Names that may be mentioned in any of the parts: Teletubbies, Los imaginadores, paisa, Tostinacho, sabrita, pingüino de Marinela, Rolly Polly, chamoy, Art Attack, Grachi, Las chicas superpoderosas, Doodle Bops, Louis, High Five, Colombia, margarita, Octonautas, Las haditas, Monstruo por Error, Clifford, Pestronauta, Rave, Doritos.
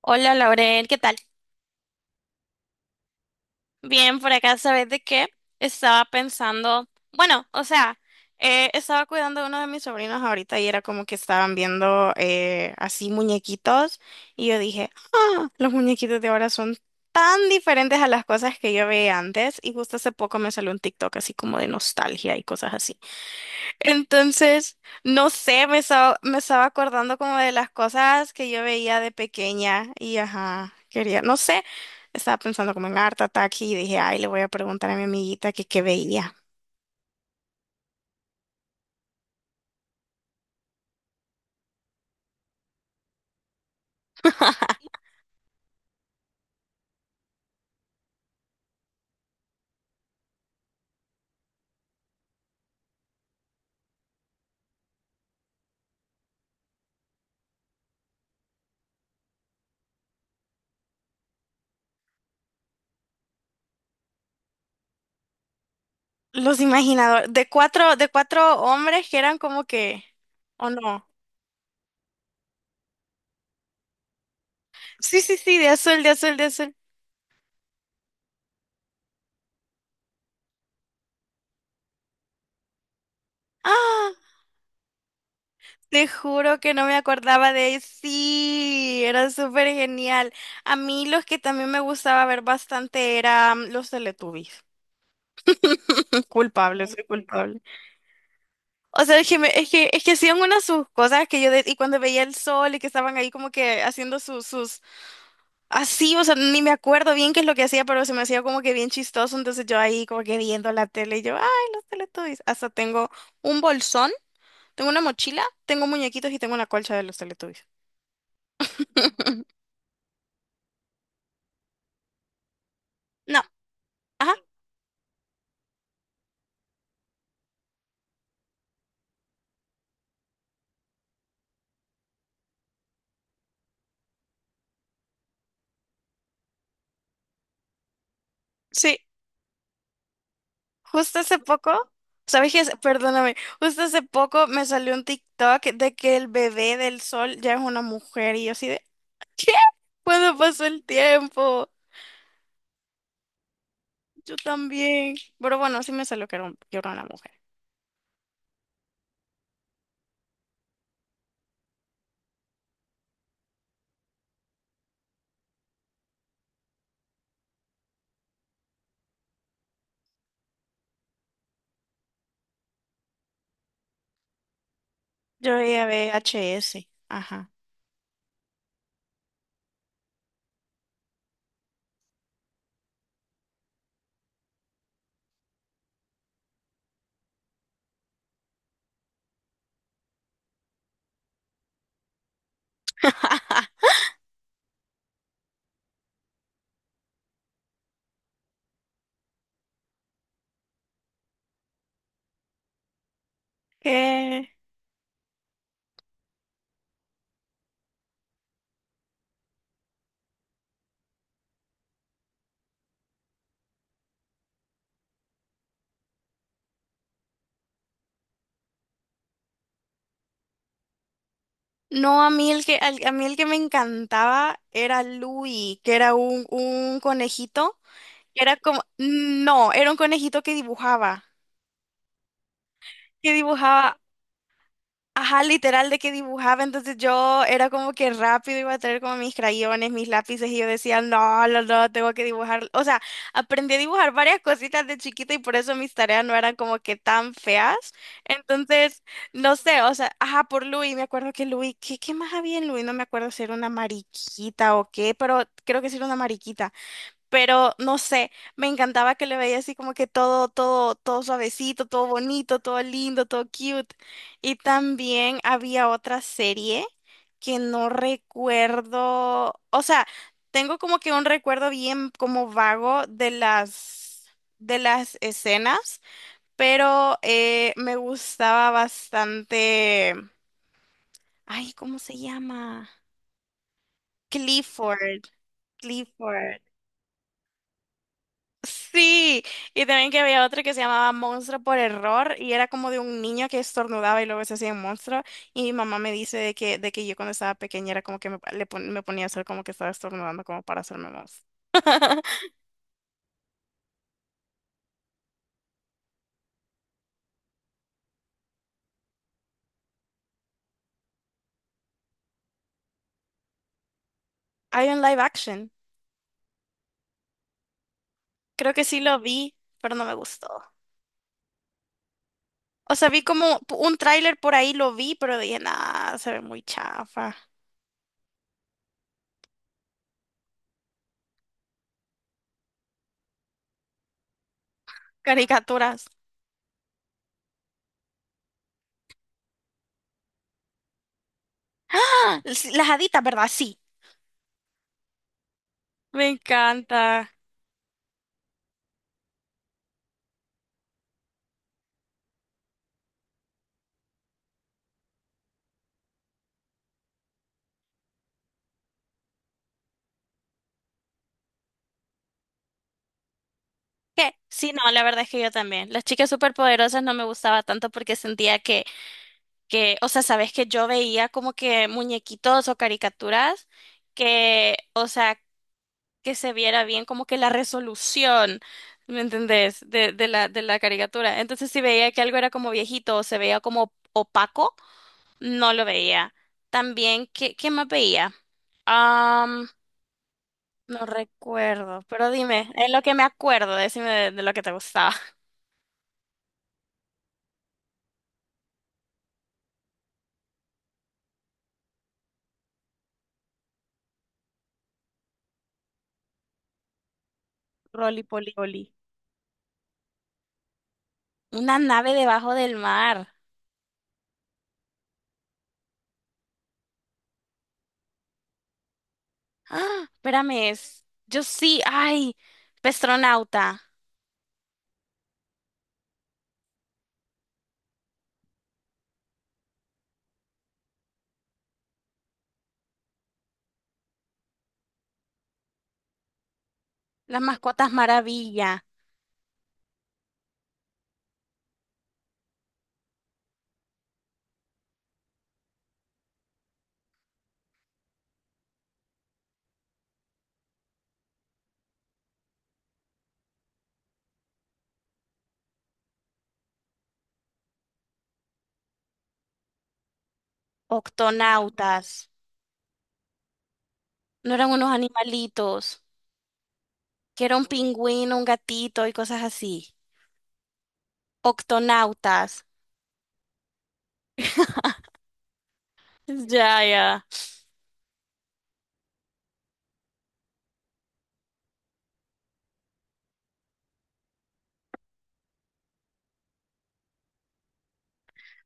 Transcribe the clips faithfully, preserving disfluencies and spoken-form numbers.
Hola Laurel, ¿qué tal? Bien, por acá, ¿sabes de qué? Estaba pensando, bueno, o sea, eh, estaba cuidando a uno de mis sobrinos ahorita y era como que estaban viendo eh, así muñequitos y yo dije, ah, los muñequitos de ahora son tan diferentes a las cosas que yo veía antes y justo hace poco me salió un TikTok así como de nostalgia y cosas así. Entonces, no sé, me estaba, me estaba acordando como de las cosas que yo veía de pequeña y ajá, quería, no sé, estaba pensando como en Art Attack y dije, ay, le voy a preguntar a mi amiguita que qué veía. Los imaginadores, de cuatro, de cuatro hombres que eran como que, ¿o no? Sí, sí, sí, de azul, de azul, de azul. ¡Ah! Te juro que no me acordaba de él. Sí, era súper genial. A mí los que también me gustaba ver bastante eran los Teletubbies. Culpable, soy culpable. O sea, es que, me- es que, es que hacían unas sus cosas que yo, de- y cuando veía el sol y que estaban ahí como que haciendo sus, sus, así, o sea, ni me acuerdo bien qué es lo que hacía, pero se me hacía como que bien chistoso. Entonces yo ahí como que viendo la tele y yo, ay, los Teletubbies. Hasta tengo un bolsón, tengo una mochila, tengo muñequitos y tengo una colcha de los Teletubbies. No, ah, sí, justo hace poco, ¿sabes qué? Es? Perdóname, justo hace poco me salió un TikTok de que el bebé del sol ya es una mujer y yo así de, ¿qué? ¿Cuándo pasó el tiempo? Yo también. Pero bueno, sí me salió que era, un- que era una mujer. Yo veía V H S, ajá. ¿Qué? No, a mí el que, al- a mí el que me encantaba era Louis, que era un, un conejito, que era como, no, era un conejito que dibujaba, que dibujaba. Ajá, literal de que dibujaba, entonces yo era como que rápido iba a traer como mis crayones, mis lápices y yo decía, no, no, no, tengo que dibujar. O sea, aprendí a dibujar varias cositas de chiquita y por eso mis tareas no eran como que tan feas. Entonces, no sé, o sea, ajá, por Luis, me acuerdo que Luis, ¿qué, ¿qué más había en Luis? No me acuerdo si era una mariquita o qué, pero creo que sí era una mariquita, pero no sé, me encantaba que le veía así como que todo, todo, todo suavecito, todo bonito, todo lindo, todo cute. Y también había otra serie que no recuerdo, o sea, tengo como que un recuerdo bien como vago de las, de las escenas, pero eh, me gustaba bastante, ay, ¿cómo se llama? Clifford. Clifford. Sí, y también que había otra que se llamaba Monstruo por Error y era como de un niño que estornudaba y luego se hacía un monstruo y mi mamá me dice de que, de que yo cuando estaba pequeña era como que me, le pon- me ponía a hacer como que estaba estornudando como para hacerme monstruo. Hay un live action, creo que sí lo vi, pero no me gustó. O sea, vi como p- un tráiler por ahí, lo vi, pero dije, nah, se ve muy chafa. Caricaturas. ¡Ah! Sí, las haditas, ¿verdad? Sí. Me encanta. ¿Qué? Sí, no, la verdad es que yo también. Las chicas superpoderosas no me gustaba tanto porque sentía que, que, o sea, sabes que yo veía como que muñequitos o caricaturas que, que se viera bien como que la resolución, ¿me entendés? De, de la, de la caricatura. Entonces, si veía que algo era como viejito o se veía como opaco, no lo veía. También, ¿qué, ¿qué más veía? Am, no recuerdo, pero dime, es lo que me acuerdo, decime de, de lo que te gustaba. Rolly Polly. Una nave debajo del mar. Ah, espérame, es. Yo sí, ay, Pestronauta, las mascotas maravilla, Octonautas. No eran unos animalitos, que era un pingüino, un gatito y cosas así. Octonautas. Ya, ya.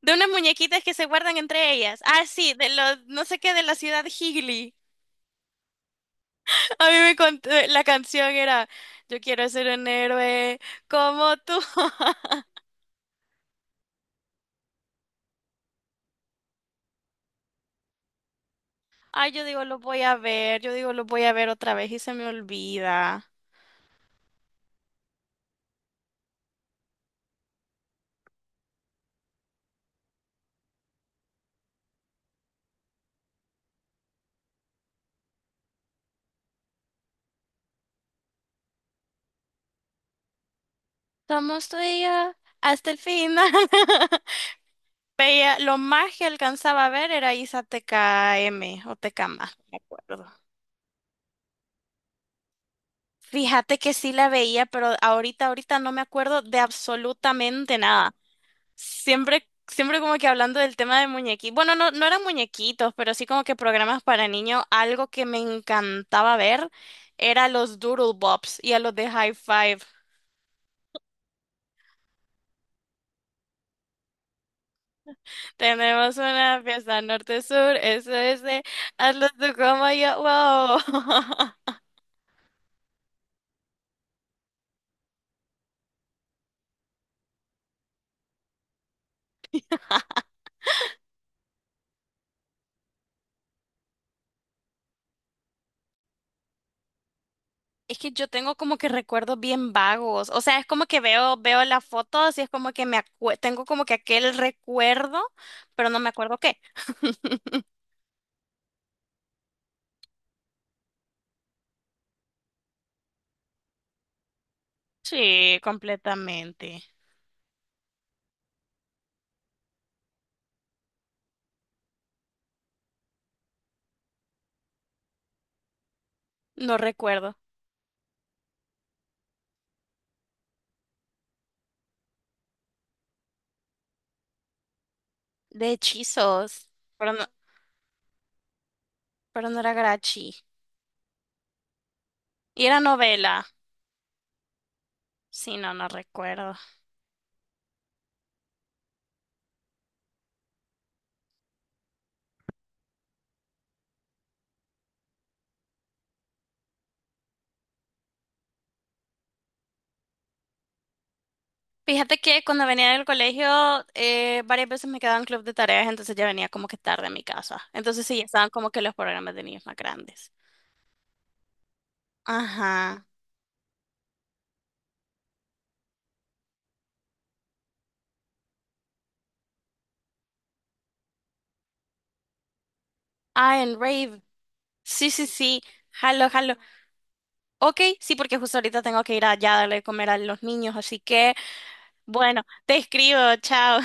De unas muñequitas que se guardan entre ellas. Ah, sí, de los, no sé qué, de la ciudad Higley. A mí me contó, la canción era, yo quiero ser un héroe como tú. Ay, yo digo, lo voy a ver, yo digo, lo voy a ver otra vez y se me olvida. Somos tú y yo hasta el final. Veía, lo más que alcanzaba a ver era Isa T K M o T TKM, no me acuerdo. Fíjate que sí la veía, pero ahorita, ahorita no me acuerdo de absolutamente nada. Siempre, siempre como que hablando del tema de muñequitos. Bueno, no, no eran muñequitos, pero sí como que programas para niños. Algo que me encantaba ver era los Doodle Bops y a los de High Five. Tenemos una fiesta norte-sur, eso es de hazlo tú como yo, wow. Es que yo tengo como que recuerdos bien vagos, o sea, es como que veo, veo las fotos y es como que me acue- tengo como que aquel recuerdo, pero no me acuerdo qué. Sí, completamente. No recuerdo. De hechizos, pero no, pero no era Grachi. Y era novela. Sí, no, no recuerdo. Fíjate que cuando venía del colegio, eh, varias veces me quedaba en club de tareas, entonces ya venía como que tarde a mi casa. Entonces sí, ya estaban como que los programas de niños más grandes. Ajá. Ah, en Rave. Sí, sí, sí. Jalo, jalo. Ok, sí, porque justo ahorita tengo que ir allá a darle de comer a los niños, así que, bueno, te escribo, chao.